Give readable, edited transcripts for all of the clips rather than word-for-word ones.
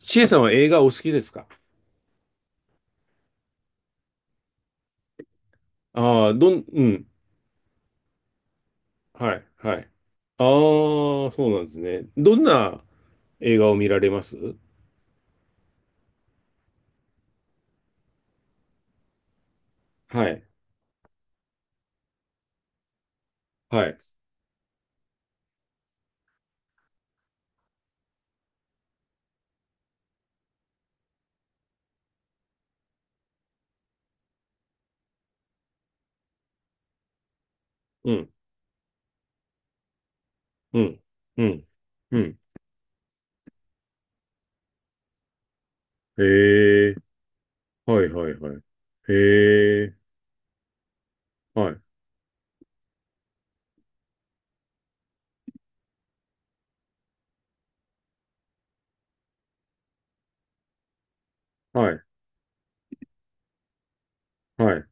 シエさんは映画お好きですか？ああー、うん。はい、はい。ああ、そうなんですね。どんな映画を見られます？はい、はい。うん、うん、うん、うん。へえ、はい、はい、はい。へえ、はい、はい、はい、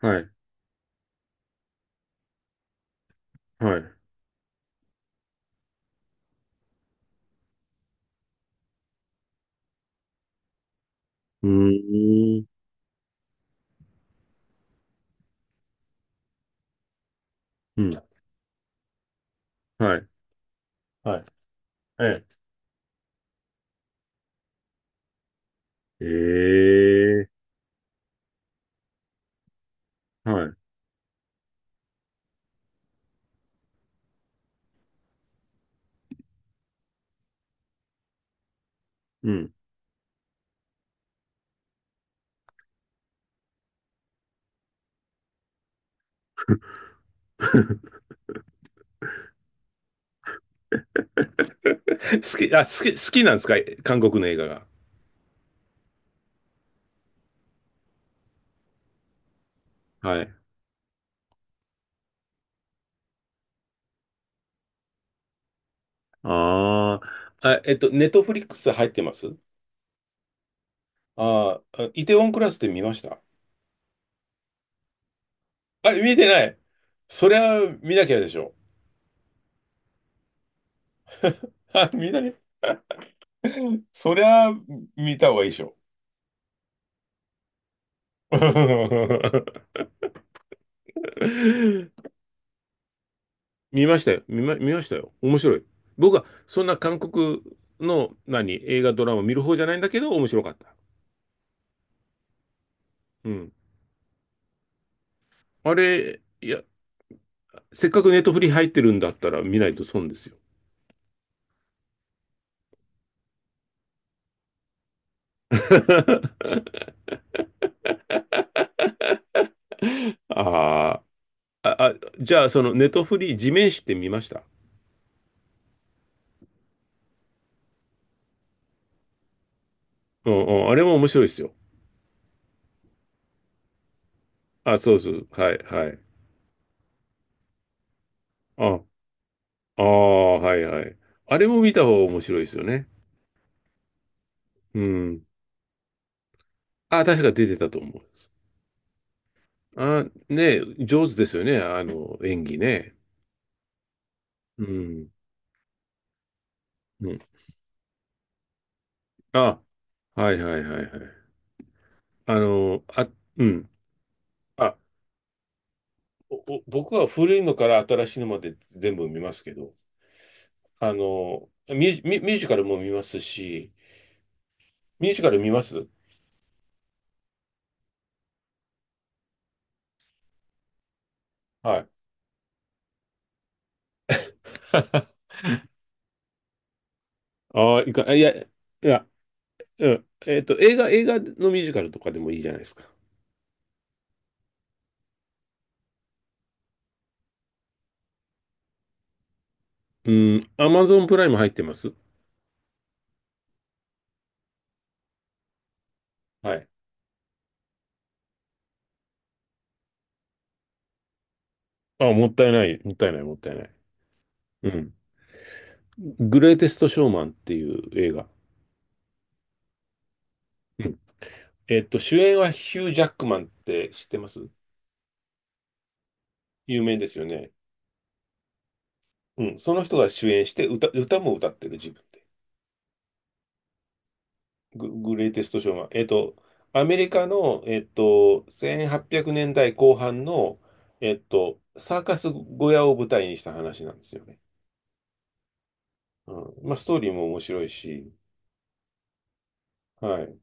はい、はい。うーん、うん、はい、はい、ええ、へえ、はい、うん。好き、あ、好き、好きなんですか？韓国の映画が。はい。ああ、ネットフリックス入ってます？あーあ、イテウォンクラスって見ました？あ、見てない。そりゃ見なきゃでしょ。あ、見なきゃ。そりゃ見た方がいいでしょ。見ましたよ。見ましたよ。面白い。僕はそんな韓国の映画ドラマ見る方じゃないんだけど面白かった。うん。あれ、いや、せっかくネットフリ入ってるんだったら見ないと損ですよ。ああ。あ、じゃあ、そのネトフリー地面師って見ました？うんうん。あれも面白いですよ。あ、そうそう。はい、はい。あ、ああ、はいはい。あれも見た方が面白いですよね。うん。あ、確か出てたと思います。あ、ねえ、上手ですよね。演技ね。うん。うん。あ、はいはいはいはい。あの、あ、うん。あ、おお僕は古いのから新しいのまで全部見ますけど、ミュージカルも見ますし、ミュージカル見ます？はい。ああ、いや、いや、うん。映画のミュージカルとかでもいいじゃないですか。うん。アマゾンプライム入ってます？はい。あ、もったいない、もったいない、もったいない。うん。グレイテスト・ショーマンっていう映画。うん。主演はヒュー・ジャックマンって知ってます？有名ですよね。うん。その人が主演して歌も歌ってる自分で。グレイテストショーマン。アメリカの、1800年代後半の、サーカス小屋を舞台にした話なんですよね。うん。まあ、ストーリーも面白いし、はい。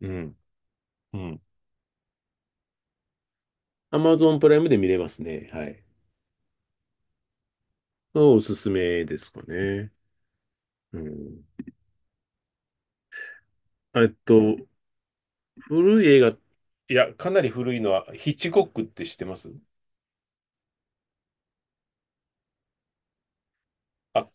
うん。うん。アマゾンプライムで見れますね。はい。おすすめですかね。うん。えっと、古い映画、いや、かなり古いのは、ヒッチコックって知ってます？あ、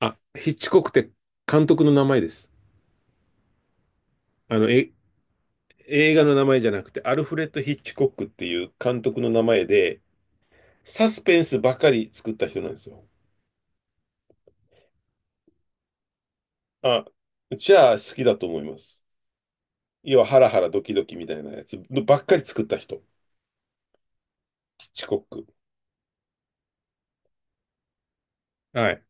あ、ヒッチコックって監督の名前です。あの、え、映画の名前じゃなくて、アルフレッド・ヒッチコックっていう監督の名前で、サスペンスばかり作った人なんですよ。あ、じゃあ好きだと思います。要はハラハラドキドキみたいなやつばっかり作った人、ヒッチコック。はい。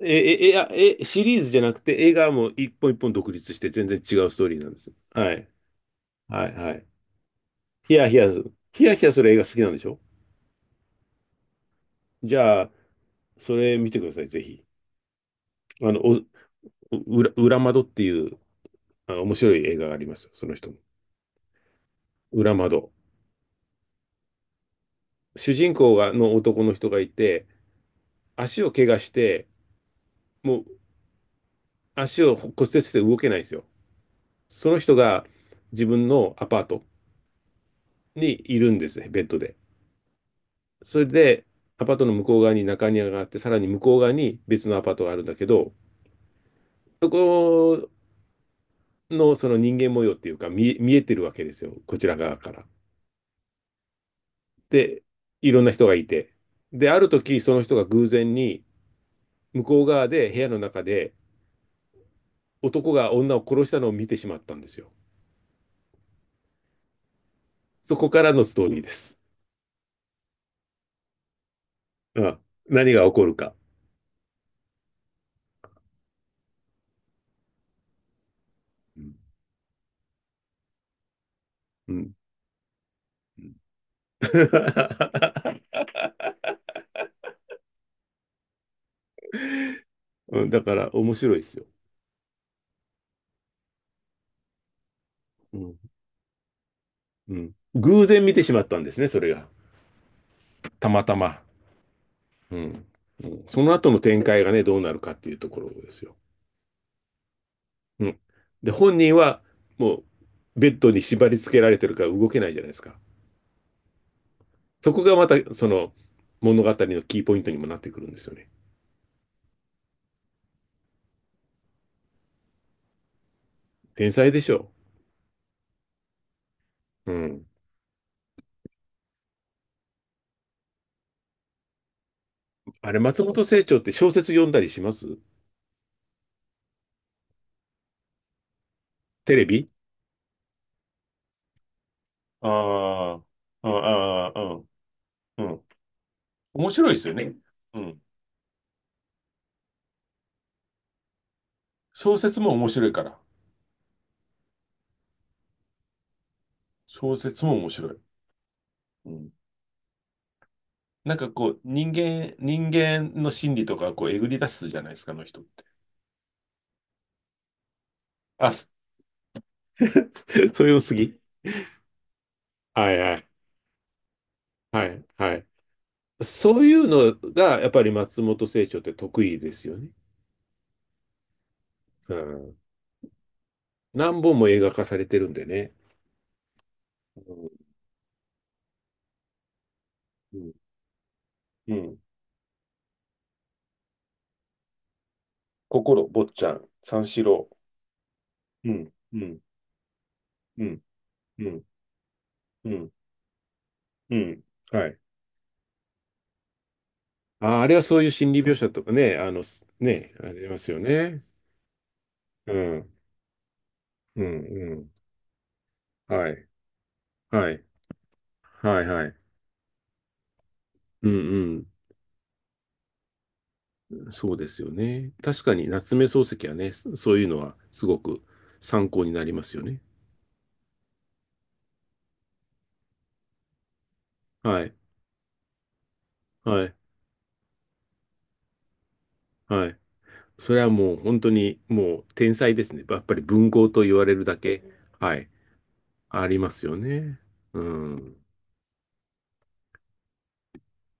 え、え、え、あえ、シリーズじゃなくて映画も一本一本独立して全然違うストーリーなんです。はい。はい、はい。ヒヤヒヤする映画好きなんでしょ？じゃあ、それ見てください、ぜひ。あの、お、裏窓っていう面白い映画がありますよ、その人も。裏窓。主人公の男の人がいて、足を怪我して、もう足を骨折して動けないんですよ。その人が自分のアパートにいるんですね、ベッドで。それで、アパートの向こう側に中庭があって、さらに向こう側に別のアパートがあるんだけど、そこのその人間模様っていうか見えてるわけですよ、こちら側から。で、いろんな人がいて。で、ある時、その人が偶然に向こう側で部屋の中で男が女を殺したのを見てしまったんですよ。そこからのストーリーです。うん、何が起こるか。うんうん だから面白いですよ、うんうん。偶然見てしまったんですね、それが。たまたま。うんうんその後の展開がね、どうなるかっていうところですよ。うん、で、本人はもうベッドに縛り付けられてるから動けないじゃないですか。そこがまたその物語のキーポイントにもなってくるんですよね。天才でしょう。うん。あれ、松本清張って小説読んだりします？テレビ。ああ、ああ、うん、うん。面白いですよね。うん。小説も面白いから。小説も面白い。うん。なんかこう、人間の心理とか、こう、えぐり出すじゃないですか、あの人。あ、そういうの好き？はいはい。はい、はい。そういうのが、やっぱり松本清張って得意ですよね。うん。何本も映画化されてるんでね。うん、うん、うん。心、坊ちゃん、三四郎、うん、うん、うん、うん、うん、うん。はい。あ、あれはそういう心理描写とかね、ありますよね。うん、うん、うん。はい、はい、はい、はい。うん、うん。そうですよね。確かに夏目漱石はね、そういうのはすごく参考になりますよね。はい、はい、はい。それはもう本当にもう天才ですね。やっぱり文豪と言われるだけ、はい、ありますよね。うん。